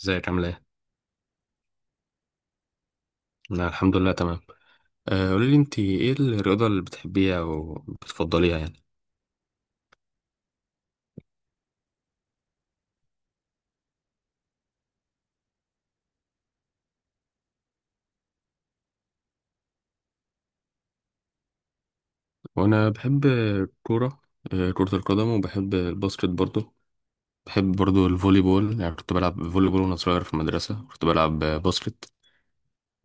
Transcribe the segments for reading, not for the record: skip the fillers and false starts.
ازيك عامل ايه؟ انا الحمد لله تمام. قولي لي، انت ايه الرياضة اللي بتحبيها او بتفضليها يعني؟ وانا بحب الكورة، كرة القدم، وبحب الباسكت برضو. بحب برضو الفولي بول، يعني كنت بلعب فولي بول وانا صغير في المدرسة، كنت بلعب باسكت.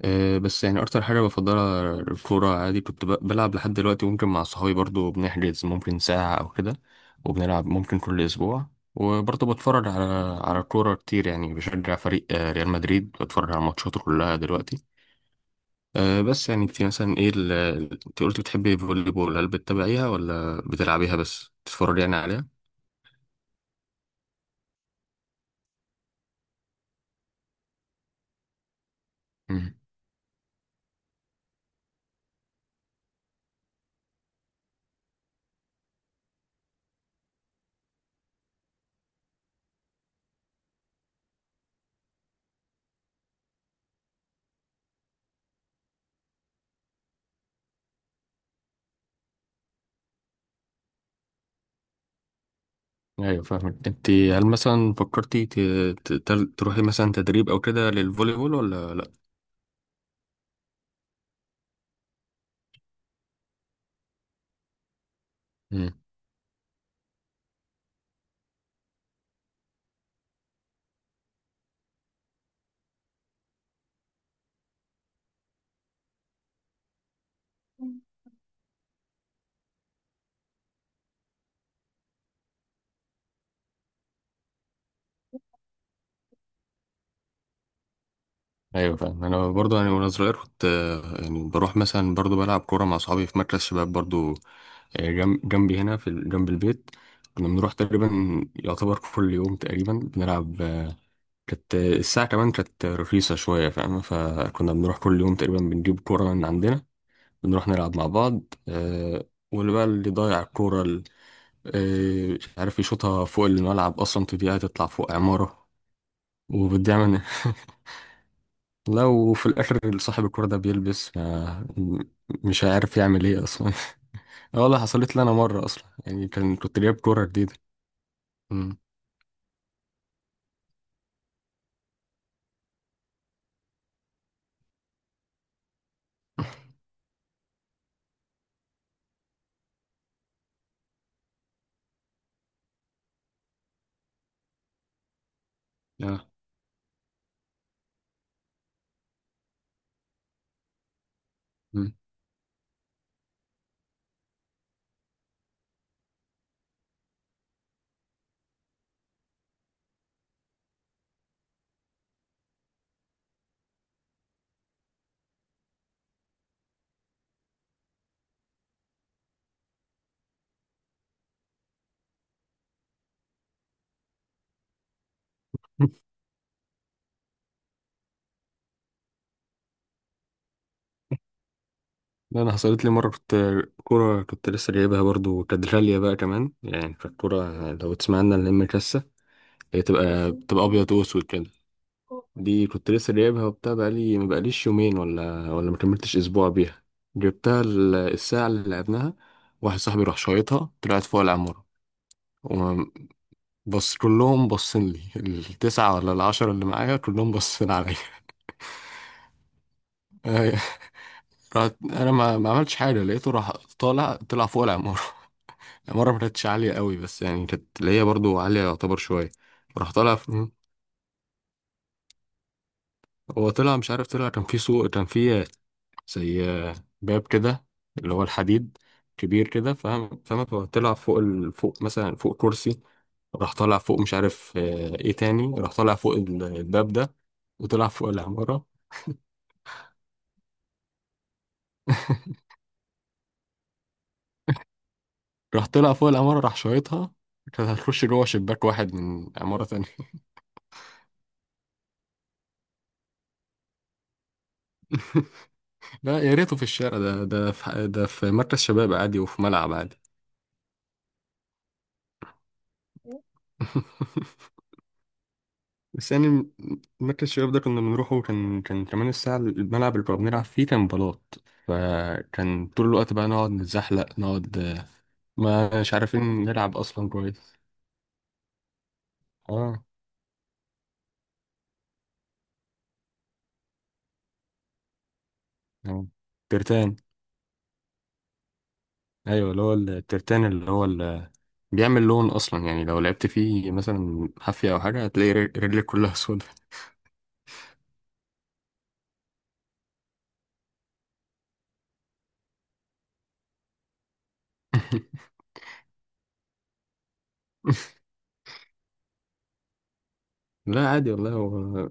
بس يعني اكتر حاجه بفضلها الكوره، عادي كنت بلعب لحد دلوقتي، ممكن مع صحابي برضو بنحجز ممكن ساعه او كده، وبنلعب ممكن كل اسبوع. وبرضو بتفرج على الكوره كتير، يعني بشجع فريق ريال مدريد، بتفرج على ماتشاته كلها دلوقتي. بس يعني انت مثلا ايه انت قلت بتحبي الفولي بول، هل بتتابعيها ولا بتلعبيها بس بتتفرجي يعني عليها؟ مم. ايوه فاهمك، انت هل مثلا فكرتي تروحي مثلا تدريب او كده للفولي بول ولا؟ لا. ايوه فاهم، انا برضو يعني وانا صغير كنت يعني بروح مثلا برضو بلعب كوره مع اصحابي في مركز شباب برضو. جنب جنبي هنا في جنب البيت، كنا بنروح تقريبا يعتبر كل يوم تقريبا بنلعب. آه، كانت آه، الساعه كمان كانت رخيصه شويه فاهم، فكنا بنروح كل يوم تقريبا، بنجيب كوره من عندنا بنروح نلعب مع بعض. آه، واللي بقى ضايع الكوره مش عارف يشوطها فوق الملعب، اصلا تضيع تطلع فوق عماره وبتضيع مننا. لو في الاخر صاحب الكرة ده بيلبس ما مش عارف يعمل ايه اصلا. اه والله حصلت لي انا مرة اصلا، يعني كنت جايب كرة جديدة. أمم. اه. أمم. لا، انا حصلت لي مرة، كنت لسه جايبها برضو، كانت غالية بقى كمان، يعني كانت كرة لو تسمع عنها، اللي هي مكسة، هي بتبقى ابيض واسود كده. دي كنت لسه جايبها وبتاع، بقالي، ما بقاليش يومين ولا ما كملتش اسبوع بيها. جبتها الساعة اللي لعبناها، واحد صاحبي راح شايطها طلعت فوق العمارة. بص كلهم باصين لي، التسعة ولا العشرة اللي معايا كلهم باصين عليا. آه، رحت انا ما عملتش حاجة، لقيته راح طالع طلع فوق العمارة. العمارة ما كانتش عالية قوي، بس يعني كانت اللي هي برضو عالية يعتبر شوية. راح طالع ف- هو طلع مش عارف، طلع كان في سوق، كان في زي باب كده اللي هو الحديد، كبير كده فاهم، هو طلع فوق فوق مثلا فوق كرسي، راح طالع فوق، مش عارف ايه تاني، راح طالع فوق الباب ده، وطلع فوق العمارة. راح طلع فوق العمارة راح شايطها، كانت هتخش جوه شباك واحد من عمارة تانية. لا، يا ريته في الشارع، ده في مركز شباب عادي وفي ملعب عادي. بس يعني مركز الشباب ده كنا بنروحه، كان كان كمان الساعة الملعب اللي كنا بنلعب فيه كان بلاط، فكان طول الوقت بقى نقعد نتزحلق، نقعد آه، ما مش عارفين نلعب أصلا كويس. اه. آه. ترتان، أيوة اللي هو الترتان، اللي هو بيعمل لون اصلا، يعني لو لعبت فيه مثلا حافية او حاجة، هتلاقي رجلك كلها سودة. لا عادي والله، هو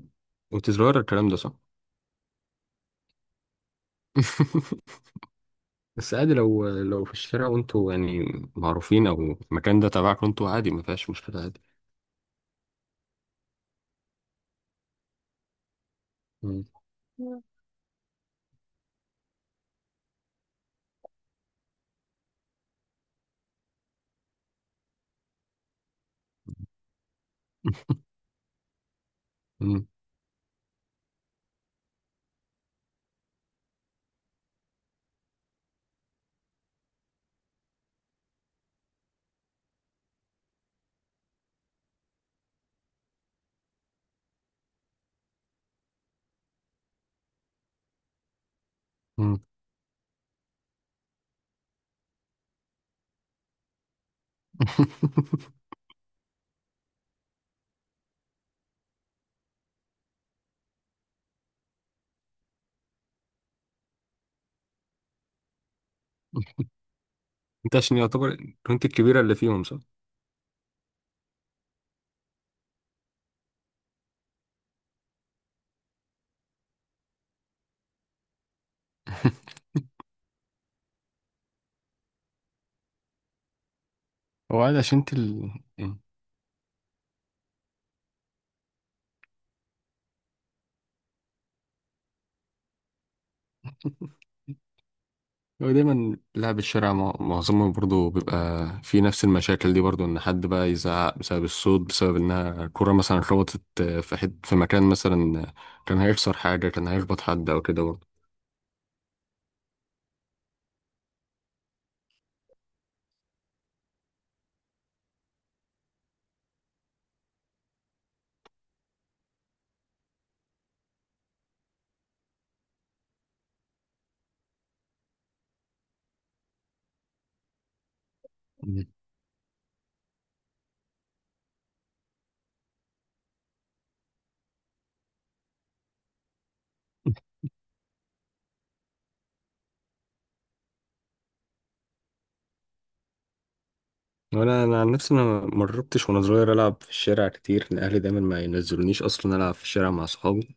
وتزرار، الكلام ده صح. بس عادي، لو في الشارع وانتوا يعني معروفين او المكان ده تبعك وانتوا عادي، ما فيهاش مشكلة، عادي. مم. مم. مم. انت عشان يعتبر كنت الكبيرة اللي فيهم، صح؟ هو عادي عشان انت ال... هو دايما لعب الشارع معظمهم برضو بيبقى في نفس المشاكل دي برضو، ان حد بقى يزعق بسبب الصوت، بسبب انها كرة مثلا خبطت في حد في مكان، مثلا كان هيكسر حاجة، كان هيخبط حد او كده برضو. مم. وانا عن نفسي انا ما جربتش وانا صغير العب في الشارع كتير، الاهلي دايما ما ينزلونيش اصلا العب في الشارع مع صحابي،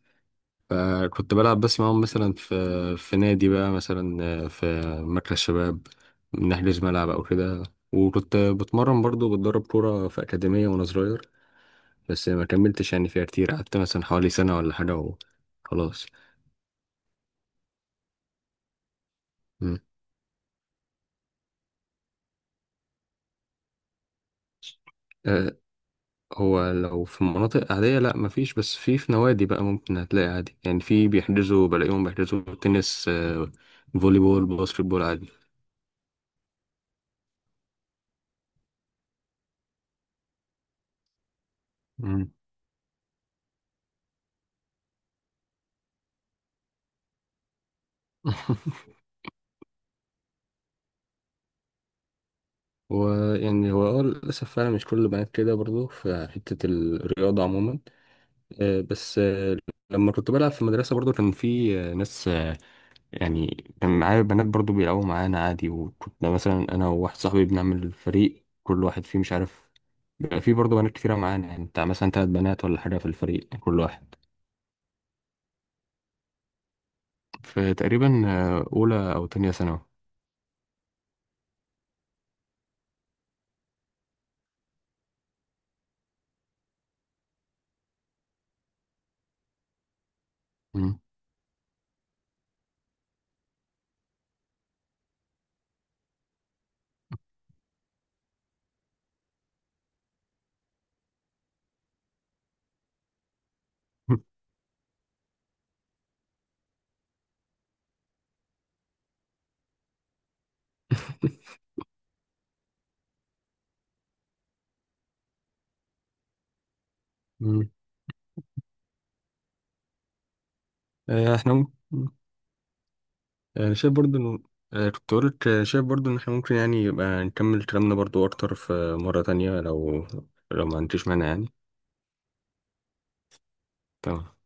فكنت بلعب بس معاهم مثلا في نادي، بقى مثلا في مركز شباب، نحجز ملعب أو كده. وكنت بتمرن برضو بتدرب كورة في أكاديمية وأنا صغير، بس ما كملتش يعني فيها كتير، قعدت مثلا حوالي سنة ولا حاجة وخلاص. مم. أه، هو لو في مناطق عادية لأ مفيش، بس في نوادي بقى ممكن هتلاقي عادي، يعني في بيحجزوا، بلاقيهم بيحجزوا تنس، فولي بول، باسكت بول عادي. مم. ويعني هو اه للأسف فعلا مش كل البنات كده برضو في حتة الرياضة عموما. آه، بس آه، لما كنت بلعب في المدرسة برضو كان في ناس، يعني كان معايا بنات برضو بيلعبوا معانا عادي، وكنا مثلا أنا وواحد صاحبي بنعمل فريق كل واحد فيه مش عارف، بيبقى في برضو بنات كتيرة معانا، يعني بتاع مثلا 3 بنات ولا حاجة في الفريق كل واحد. فتقريبا أولى أو تانية ثانوي. مم. مم. آه، احنا مم. آه، أنا شايف برضو إنه، آه، كنت قلت آه، شايف برضو إن إحنا ممكن يعني يبقى نكمل كلامنا برضو أكتر في مرة تانية، لو ما عنديش مانع يعني. تمام.